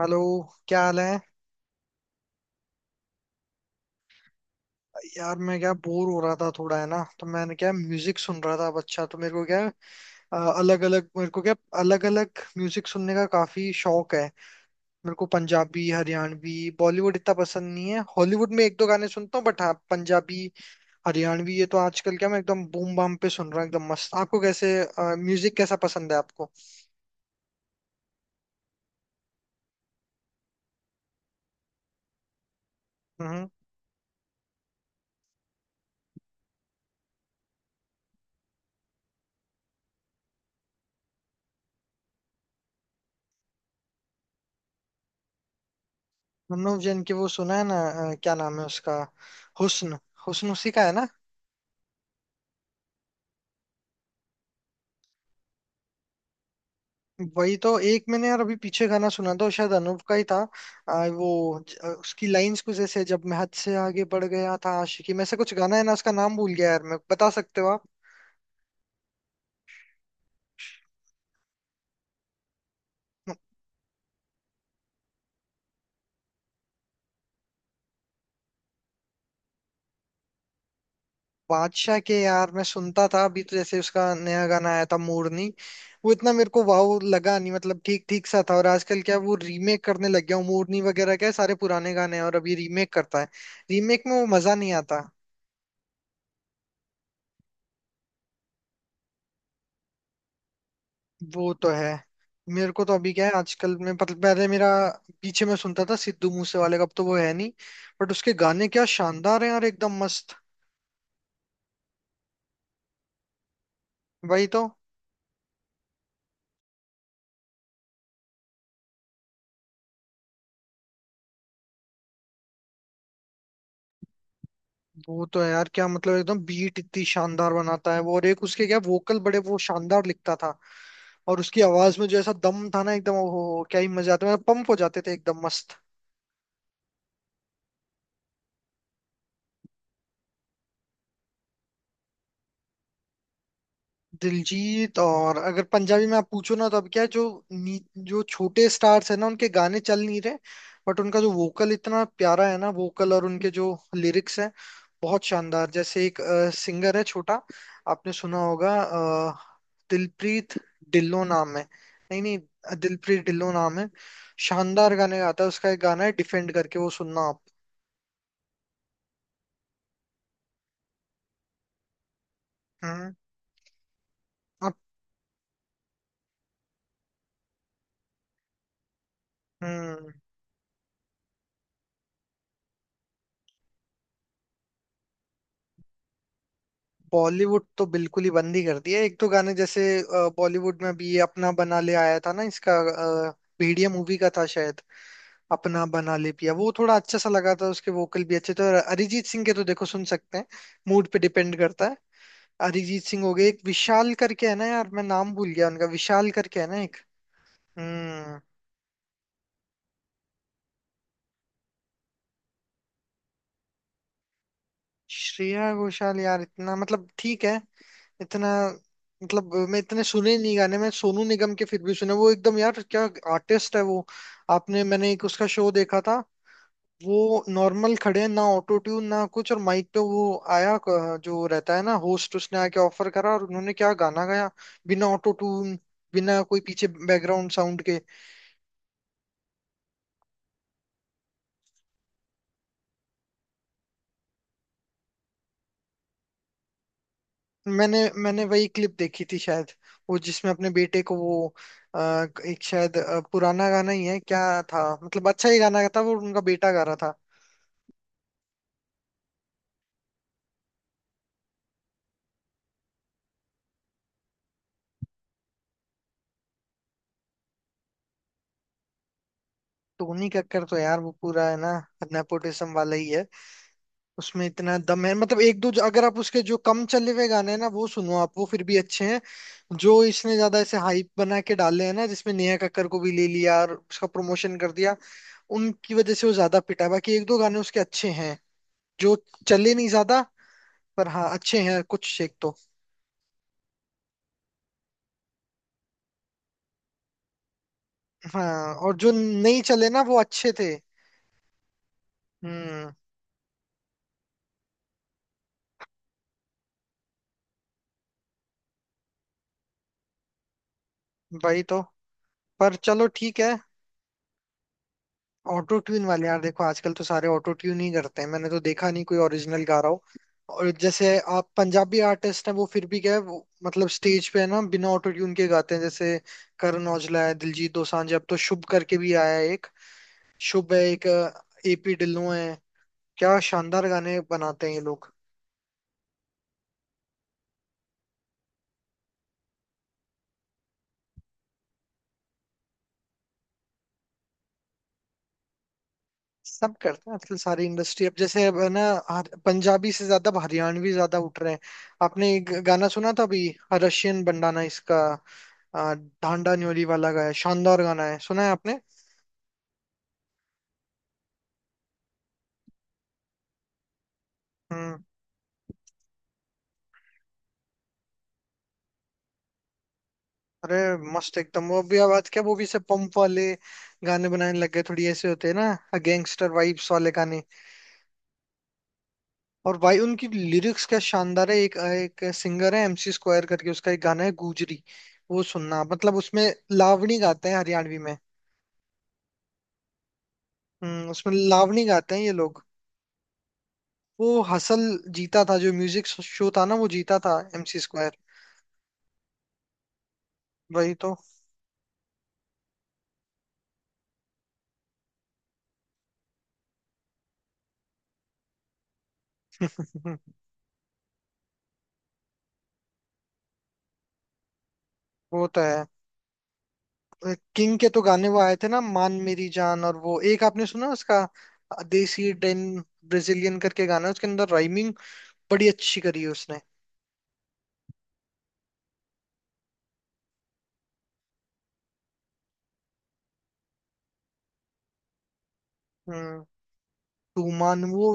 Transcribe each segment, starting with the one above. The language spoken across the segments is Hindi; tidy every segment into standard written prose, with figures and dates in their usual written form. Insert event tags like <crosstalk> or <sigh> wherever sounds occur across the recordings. हेलो। क्या हाल है? यार मैं क्या बोर हो रहा था थोड़ा है ना, तो मैंने क्या म्यूजिक सुन रहा था। अब अच्छा, तो मेरे को क्या अलग अलग मेरे को क्या अलग अलग म्यूजिक सुनने का काफी शौक है। मेरे को पंजाबी, हरियाणवी, बॉलीवुड इतना पसंद नहीं है। हॉलीवुड में एक दो गाने सुनता हूँ, बट हाँ पंजाबी हरियाणवी ये तो आजकल क्या मैं एकदम बूम बाम पे सुन रहा हूँ। एकदम मस्त। आपको कैसे म्यूजिक कैसा पसंद है आपको? हम्म। मनोज जैन की वो सुना है ना, क्या नाम है उसका? हुस्न। हुस्न उसी का है ना। वही तो, एक मैंने यार अभी पीछे गाना सुना था, वो शायद अनूप का ही था। वो उसकी लाइंस कुछ ऐसे, जब मैं हद से आगे बढ़ गया था आशिकी में से, कुछ गाना है ना, उसका नाम भूल गया यार मैं, बता सकते हो आप? बादशाह के यार मैं सुनता था। अभी तो जैसे उसका नया गाना आया था मोरनी, वो इतना मेरे को वाव लगा नहीं, मतलब ठीक ठीक सा था। और आजकल क्या वो रीमेक करने लग गया हूँ, मोरनी वगैरह क्या है, सारे पुराने गाने हैं और अभी रीमेक करता है। रीमेक में वो मजा नहीं आता। वो तो है। मेरे को तो अभी क्या है, आजकल में पहले मेरा, पीछे में सुनता था सिद्धू मूसे वाले का, अब तो वो है नहीं, बट उसके गाने क्या शानदार हैं यार, एकदम मस्त। वही तो। वो तो है यार क्या मतलब, एकदम बीट इतनी शानदार बनाता है वो, और एक उसके क्या वोकल बड़े, वो शानदार लिखता था। और उसकी आवाज में जो ऐसा दम था ना, एकदम ओ हो, क्या ही मजा आता, मतलब पंप हो जाते थे एकदम मस्त। दिलजीत। और अगर पंजाबी में आप पूछो ना, तो अब क्या है जो जो छोटे स्टार्स है ना, उनके गाने चल नहीं रहे, बट उनका जो वोकल इतना प्यारा है ना, वोकल और उनके जो लिरिक्स हैं, बहुत शानदार। जैसे एक सिंगर है छोटा, आपने सुना होगा, दिलप्रीत ढिल्लो नाम है। नहीं नहीं, दिलप्रीत ढिल्लो नाम है। शानदार गाने गाता है, उसका एक गाना है डिफेंड करके, वो सुनना आप। हम्म। आप- हम्म। बॉलीवुड तो बिल्कुल ही बंद ही कर दिया। एक तो गाने जैसे, बॉलीवुड में अभी ये अपना बना ले आया था ना, इसका, अ, भेड़िया मूवी का था शायद, अपना बना ले पिया, वो थोड़ा अच्छा सा लगा था, उसके वोकल भी अच्छे थे। और अरिजीत सिंह के तो देखो सुन सकते हैं, मूड पे डिपेंड करता है। अरिजीत सिंह हो गए, एक विशाल करके है ना यार, मैं नाम भूल गया उनका, विशाल करके है ना एक। हम्म। श्रेया घोषाल यार इतना मतलब ठीक है, इतना, मतलब मैं इतने सुने नहीं गाने। मैं सोनू निगम के फिर भी सुने, वो एकदम यार क्या आर्टिस्ट है वो। आपने, मैंने एक उसका शो देखा था, वो नॉर्मल खड़े हैं ना, ऑटो ट्यून ना कुछ, और माइक पे वो आया, जो रहता है ना होस्ट, उसने आके ऑफर करा, और उन्होंने क्या गाना गाया, बिना ऑटो ट्यून, बिना कोई पीछे बैकग्राउंड साउंड के। मैंने मैंने वही क्लिप देखी थी शायद, वो जिसमें अपने बेटे को वो, अ, एक शायद पुराना गाना ही है क्या था, मतलब अच्छा ही गाना था, वो उनका बेटा गा रहा था। टोनी कक्कर तो यार वो पूरा है ना नेपोटिज्म वाला ही है। उसमें इतना दम है, मतलब एक दो, अगर आप उसके जो कम चले हुए गाने हैं ना, वो सुनो आप, वो फिर भी अच्छे हैं। जो इसने ज्यादा ऐसे हाइप बना के डाले हैं ना, जिसमें नेहा कक्कर को भी ले लिया और उसका प्रमोशन कर दिया, उनकी वजह से वो ज्यादा पिटा है। बाकी एक दो गाने उसके अच्छे हैं, जो चले नहीं ज्यादा। पर हाँ, अच्छे हैं कुछ एक तो। हाँ। और जो नहीं चले ना, वो अच्छे थे। हम्म। वही तो। पर चलो ठीक है। ऑटो ट्यून वाले यार, देखो आजकल तो सारे ऑटो ट्यून ही करते हैं, मैंने तो देखा नहीं कोई ओरिजिनल गा रहा हो। और जैसे आप पंजाबी आर्टिस्ट हैं, वो फिर भी क्या है वो, मतलब स्टेज पे है ना बिना ऑटो ट्यून के गाते हैं। जैसे करण औजला है, दिलजीत दोसांझ, अब तो शुभ करके भी आया है एक, शुभ है एक, एपी ढिल्लों है, क्या शानदार गाने बनाते हैं ये लोग। सब करते हैं आजकल सारी इंडस्ट्री। अब जैसे अब है ना, पंजाबी से ज्यादा अब हरियाणवी ज्यादा उठ रहे हैं। आपने एक गाना सुना था अभी, रशियन बंडाना, इसका आ, डांडा न्योली वाला गाया, शानदार गाना है, सुना है आपने? हम्म। अरे मस्त एकदम, वो भी आवाज क्या, वो भी से पंप वाले गाने बनाने लग गए, थोड़ी ऐसे होते हैं ना गैंगस्टर वाइब्स वाले गाने। और भाई उनकी लिरिक्स क्या शानदार है। एक एक सिंगर है एमसी स्क्वायर करके, उसका एक गाना है गुजरी, वो सुनना, मतलब उसमें लावणी गाते हैं हरियाणवी में। हम्म, उसमें लावणी गाते हैं ये लोग। वो हसल जीता था, जो म्यूजिक शो था ना वो जीता था एमसी स्क्वायर। वही तो। <laughs> वो तो है। किंग के तो गाने वो आए थे ना मान मेरी जान, और वो एक आपने सुना उसका, देसी डेन ब्राजीलियन करके गाना है, उसके अंदर राइमिंग बड़ी अच्छी करी है उसने। हम्म। तूमान वो।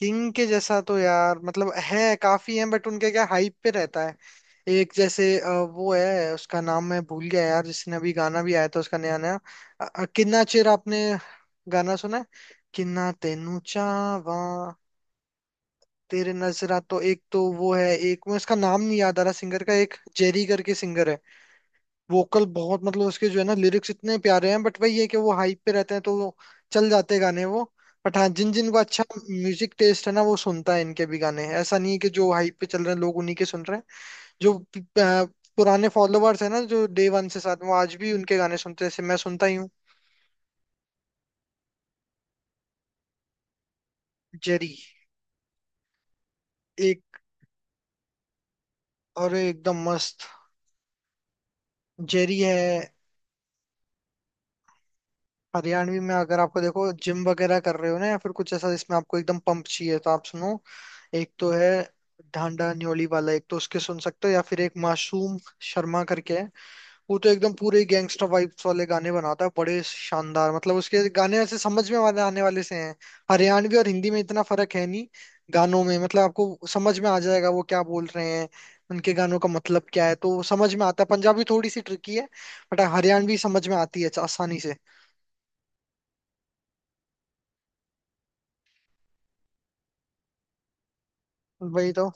किंग के जैसा तो यार मतलब है काफी, है बट उनके क्या हाइप पे रहता है। एक जैसे वो है, उसका नाम मैं भूल गया यार, जिसने अभी गाना भी आया था उसका नया नया, किन्ना चेर, आपने गाना सुना है? किन्ना तेनू चावा, तेरे नजरा। तो एक तो वो है, एक मैं उसका नाम नहीं याद आ रहा सिंगर का, एक जेरी करके सिंगर है। वोकल बहुत मतलब उसके, जो है ना लिरिक्स इतने प्यारे हैं, बट वही है कि वो हाइप पे रहते हैं तो वो चल जाते गाने वो। बट हाँ, जिन जिन को अच्छा म्यूजिक टेस्ट है ना, वो सुनता है इनके भी गाने। ऐसा नहीं है कि जो हाइप पे चल रहे हैं लोग उन्हीं के सुन रहे हैं। जो प- अ, पुराने फॉलोअर्स है ना जो डे वन से साथ, वो आज भी उनके गाने सुनते हैं, जैसे मैं सुनता ही हूँ। जेरी। एक और एकदम मस्त जेरी है। हरियाणवी में अगर आपको, देखो जिम वगैरह कर रहे हो ना, या फिर कुछ ऐसा जिसमें आपको एकदम पंप चाहिए, तो आप सुनो, एक तो है ढांडा न्योली वाला, एक तो उसके सुन सकते हो, या फिर एक मासूम शर्मा करके है, वो तो एकदम पूरे गैंगस्टर वाइब्स वाले गाने बनाता है, बड़े शानदार। मतलब उसके गाने ऐसे समझ में वाले आने वाले से हैं। हरियाणवी और हिंदी में इतना फर्क है नहीं गानों में, मतलब आपको समझ में आ जाएगा वो क्या बोल रहे हैं, उनके गानों का मतलब क्या है, तो वो समझ में आता है। पंजाबी थोड़ी सी ट्रिकी है, बट हरियाणवी समझ में आती है आसानी से। वही तो।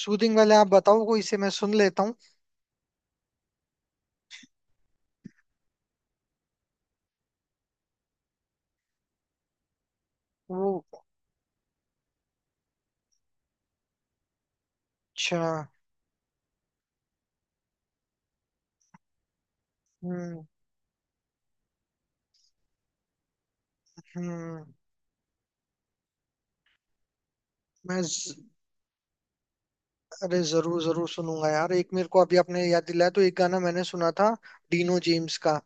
सूदिंग वाले आप बताओ, कोई से मैं सुन लेता हूँ। वो अच्छा। हम्म। हम्म। मैं ज, अरे जरूर जरूर सुनूंगा यार, एक मेरे को अभी आपने याद दिलाया, तो एक गाना मैंने सुना था डीनो जेम्स का,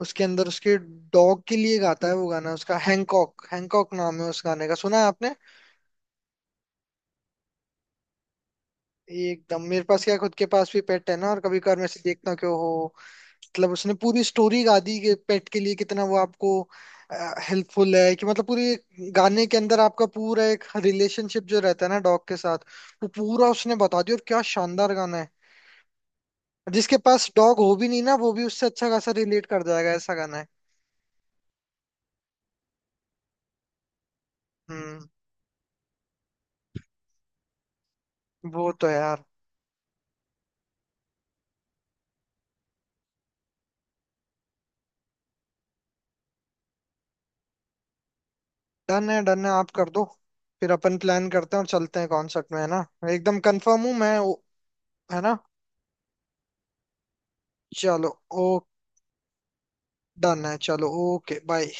उसके अंदर उसके डॉग के लिए गाता है वो गाना उसका, हैंकॉक, हैंकॉक नाम है उस गाने का, सुना है आपने? एकदम, मेरे पास क्या खुद के पास भी पेट है ना, और कभी कभार मैं से देखता क्यों हो, मतलब उसने पूरी स्टोरी गा दी कि पेट के लिए कितना वो आपको हेल्पफुल है, कि मतलब पूरी गाने के अंदर आपका पूरा एक रिलेशनशिप जो रहता है ना डॉग के साथ, वो पूरा उसने बता दिया, और क्या शानदार गाना है। जिसके पास डॉग हो भी नहीं ना, वो भी उससे अच्छा खासा रिलेट कर जाएगा, ऐसा गाना है। हम्म। वो तो है यार। डन है डन है, आप कर दो, फिर अपन प्लान करते हैं और चलते हैं कॉन्सर्ट में, है ना? एकदम कंफर्म हूँ मैं। है ना। चलो। ओ, डन है, चलो। Okay bye.